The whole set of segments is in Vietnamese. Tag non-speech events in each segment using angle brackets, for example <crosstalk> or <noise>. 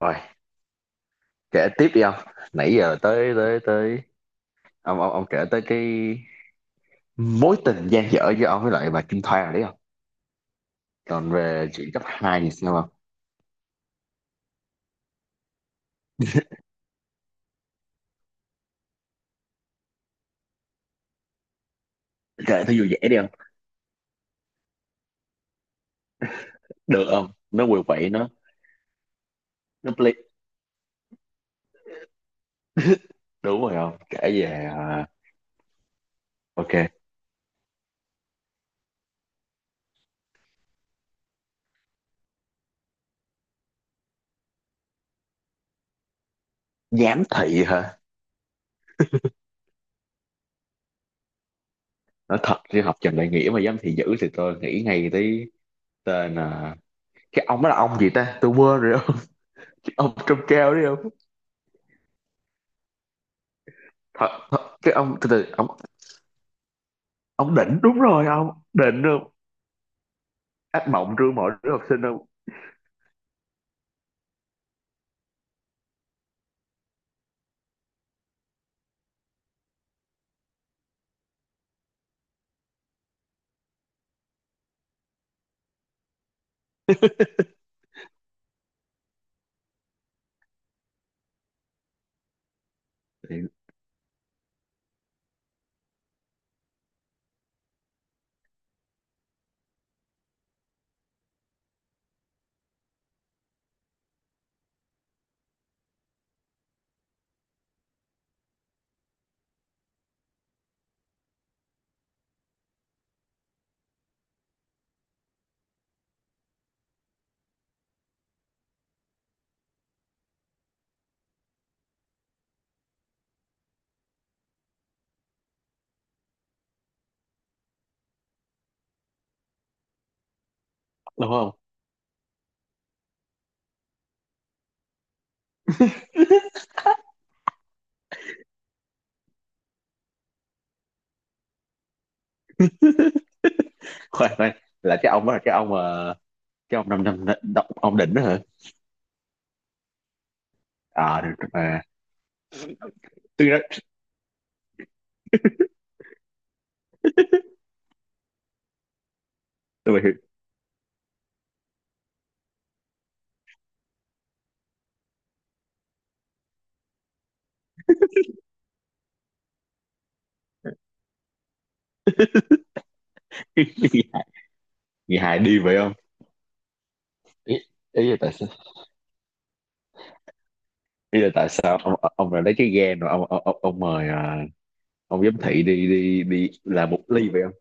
Rồi, kể tiếp đi ông. Nãy giờ tới tới tới ông kể tới cái mối tình dang dở giữa ông với lại bà Kim Thoa rồi đấy không? Còn về chuyện cấp 2 thì sao không? <laughs> Kể thấy vui vẻ đi không? Được không? Nó quậy quậy nó play. <laughs> Đúng rồi không? Kể về ok, giám thị hả? Nói thật chứ học Trần Đại Nghĩa mà giám thị dữ thì tôi nghĩ ngay tới tên cái ông đó là ông gì ta? Tôi quên rồi không? <laughs> Ông trông cao đấy không? Thật, thật cái ông từ từ ông đỉnh, đúng rồi, ông đỉnh không? Ác mộng ru mọi đứa học sinh không? <laughs> Đúng không? <laughs> Khoan khoan, là cái ông đó là cái ông mà cái ông năm năm ông định đó hả? À, được mà. Tôi nói, tôi mà người hài <laughs> đi vậy không? Ý, ý là tại sao, ý là tại sao ông lại lấy cái ghen rồi ông mời ông giám thị đi đi đi là một ly vậy không?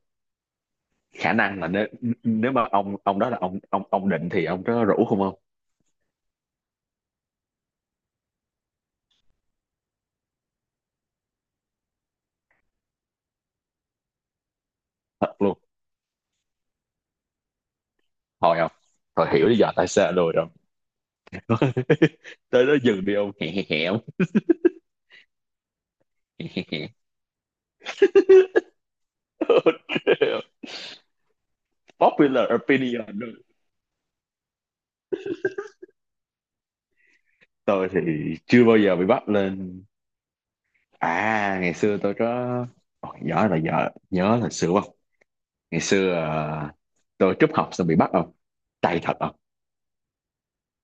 Khả năng là nếu, nếu mà ông đó là ông định thì ông có rủ không không? Thật luôn. Thôi không, thôi hiểu lý do tại sao rồi không? <laughs> Tới đó dừng đi ông, hẹ hẹ hẹ ông hẹ hẹ hẹ. <laughs> Popular opinion. Tôi thì chưa bao giờ bị bắt lên, à ngày xưa tôi có. Ồ, nhớ là nhớ, nhớ là xưa không? Ngày xưa tôi trúc học xong bị bắt không, tay thật không.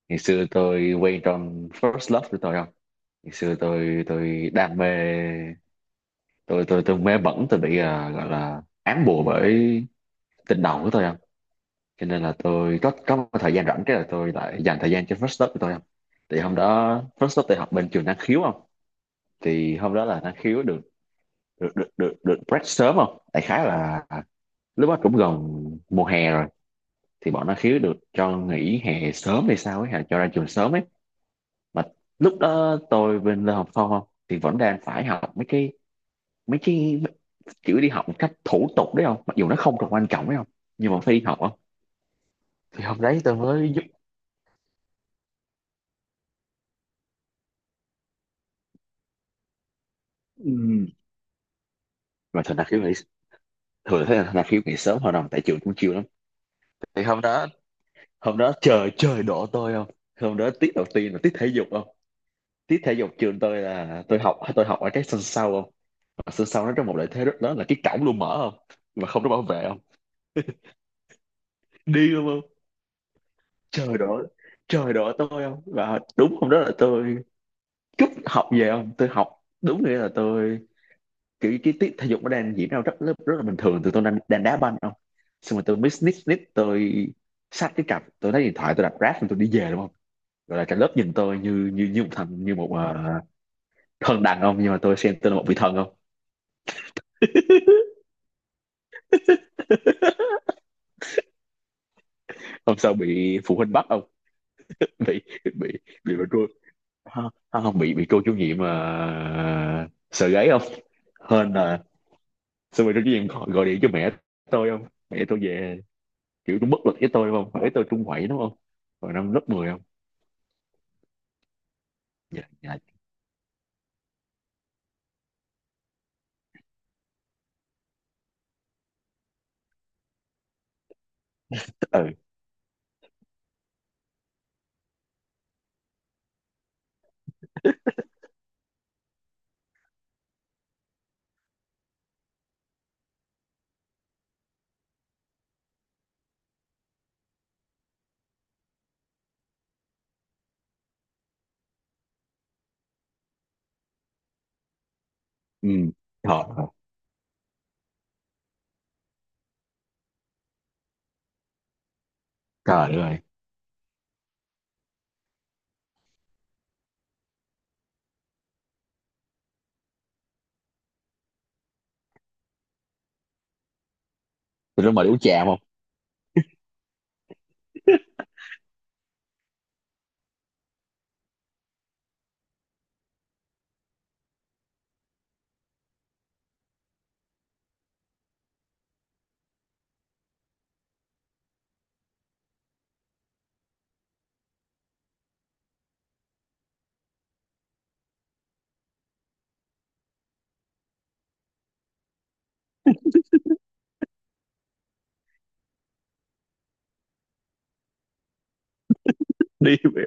Ngày xưa tôi quen trong first love của tôi không. Ngày xưa tôi đam mê, tôi mê bẩn, tôi bị gọi là ám bùa bởi tình đầu của tôi không. Cho nên là tôi có một thời gian rảnh cái là tôi lại dành thời gian cho first stop của tôi không. Thì hôm đó first stop tôi học bên trường năng khiếu không. Thì hôm đó là năng khiếu được, được break sớm không, đại khái là lúc đó cũng gần mùa hè rồi, thì bọn năng khiếu được cho nghỉ hè sớm hay sao ấy, hè cho ra trường sớm ấy. Mà lúc đó tôi bên Lê Hồng Phong không, thì vẫn đang phải học mấy cái kiểu đi học một cách thủ tục đấy không, mặc dù nó không còn quan trọng đấy không, nhưng mà phải đi học không. Thì hôm đấy tôi mới giúp ừ. Mà thật là khiếu nghĩ thường thấy là khi ngày sớm hội đồng tại trường cũng chiều lắm. Thì hôm đó, hôm đó trời trời đổ tôi không. Hôm đó tiết đầu tiên là tiết thể dục không. Tiết thể dục trường tôi là tôi học ở cái sân sau không. Mà sân sau nó trong một lợi thế rất lớn là cái cổng luôn mở không, mà không có bảo vệ không, đi luôn không. Trời đổ, trời đổ tôi không, và đúng hôm đó là tôi cúp học về không. Tôi học đúng nghĩa là tôi kiểu cái tiết thể dục nó đang diễn ra rất rất, rất là bình thường, tôi đang đá banh không. Xong rồi tôi mới sneak sneak tôi xách cái cặp, tôi lấy điện thoại tôi đặt Grab, xong tôi đi về đúng không. Rồi là cả lớp nhìn tôi như như như một thằng, như một thần đàn ông, nhưng mà tôi xem tôi là một vị thần không. Hôm sau bị phụ huynh bắt không. <laughs> bị bị bị bà cô, không, không, bị bị cô chủ nhiệm sợ gáy không. Hên là xong rồi cô chủ nhiệm gọi điện cho mẹ tôi không, mẹ tôi về kiểu cũng bất lực với tôi đúng không, mẹ tôi trung quậy đúng không. Rồi năm lớp 10 không. Dạ dạ. Ừ ừ. Trời ơi. Trời ơi. Tụi nó mời đi uống trà không. <laughs> Đi mẹ.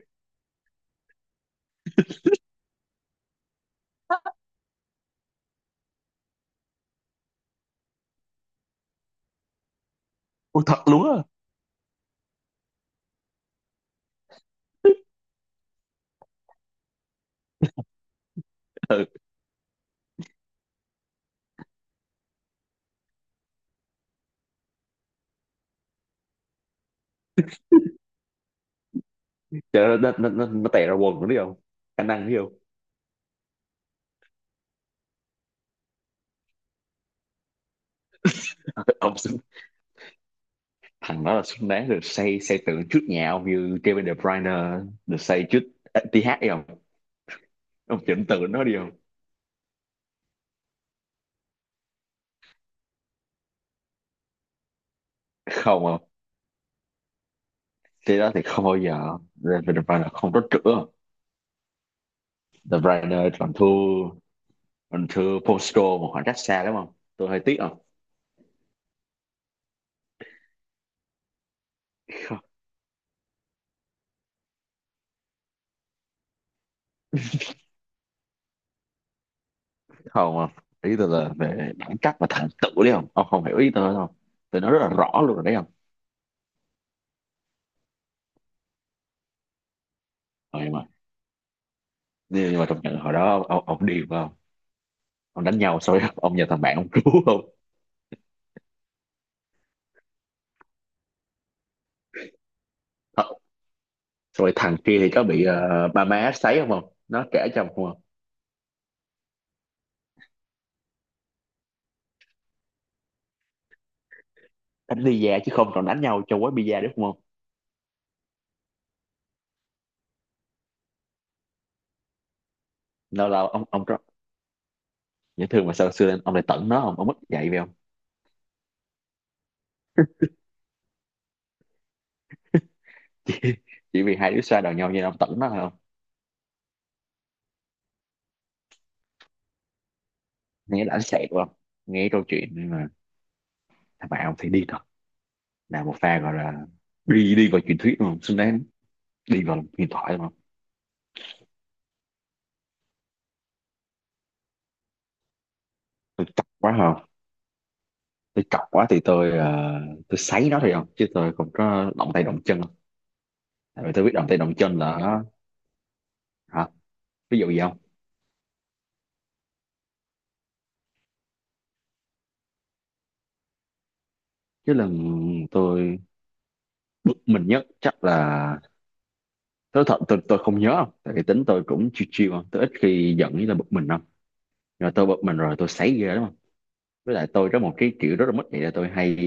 Ôi, thật luôn á. Ừ. Trời ơi, nó tè ra quần nữa đi không, khả năng đi không. <laughs> Ông xứng- thằng đó là xứng đáng được xây xây tượng trước nhà ông như Kevin De Bruyne, được xây trước tê hát đi không, ông chỉnh tượng nó đi không. Không không, thế đó thì không bao giờ Kevin De Bruyne không có chữa. De Bruyne còn thua, còn thua Postal một khoảng cách xa lắm không, tôi hơi tiếc không. Không không, ý tôi là về đẳng cấp và thành tựu đấy không, ông không hiểu ý tôi không, tôi nói rất là rõ luôn rồi đấy không. Ờ, nhưng mà, nhưng mà trong trận hồi đó ông điên phải không, ông đánh nhau xong rồi <laughs> ông nhờ thằng bạn ông cứu không. Thật. Rồi thằng kia thì có bị ba má sấy không không, nó kể cho ông không không? Đánh bida chứ không còn đánh nhau cho quán bida đúng không không. Lâu lâu ông rất dễ thương, mà sao xưa lên ông lại tẩn nó không, ông mất dạy về không. <laughs> chỉ, chỉ vì hai đứa xoa đầu nhau như ông tẩn nó thôi không. Nghe đã sẹt không, nghe câu chuyện nhưng mà thằng bạn ông thì đi là một pha gọi là đi đi vào truyền thuyết đúng không, xứng đáng đi vào huyền thoại đúng không. Tôi chọc quá không, tôi chọc quá thì tôi tôi sấy nó thôi không, chứ tôi không có động tay động chân, tại vì tôi biết động tay động chân là nó hả. Ví dụ gì không? Chứ lần tôi bực mình nhất chắc là tôi thật, tôi không nhớ không, tại vì tính tôi cũng chill chill không, tôi ít khi giận như là bực mình không. Nhưng mà tôi bực mình rồi tôi sấy ghê đúng không. Với lại tôi có một cái kiểu rất là mất vậy, là tôi hay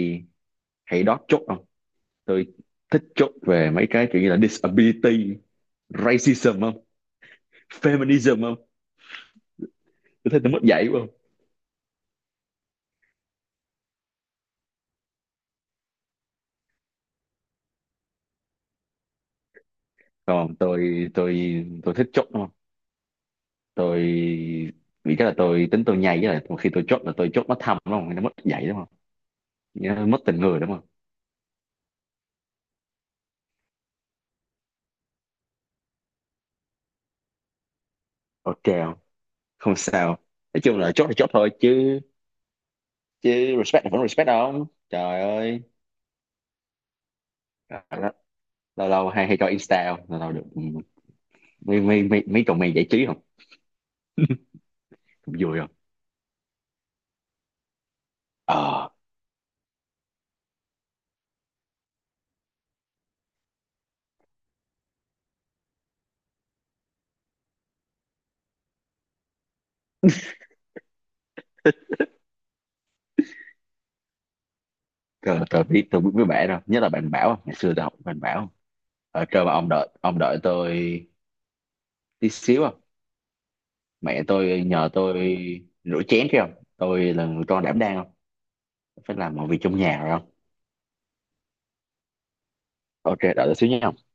hay đót chốt không. Tôi thích chốt về mấy cái kiểu như là disability, racism không, feminism không. Tôi thấy tôi mất dạy quá không. Còn tôi tôi thích chốt đúng không. Tôi vì cái là tính tôi nhây, với lại một khi tôi chốt là tôi chốt nó thâm đúng không, nó mất dạy đúng không, nó mất tình người đúng không. Ok không, không sao, nói chung là chốt thôi chứ, chứ respect là vẫn respect không, trời ơi. Lâu lâu hay hay cho insta không, lâu lâu được mấy mấy mấy mấy cậu mày giải trí không, cũng vui không. Ờ, tôi biết với bạn đâu nhất là bạn bảo, ngày xưa tôi học bạn bảo. Ờ, kêu mà ông đợi tôi tí xíu không, mẹ tôi nhờ tôi rửa chén kia không, tôi là người con đảm đang, không phải làm mọi việc trong nhà rồi không. Ok đợi tôi xíu nha.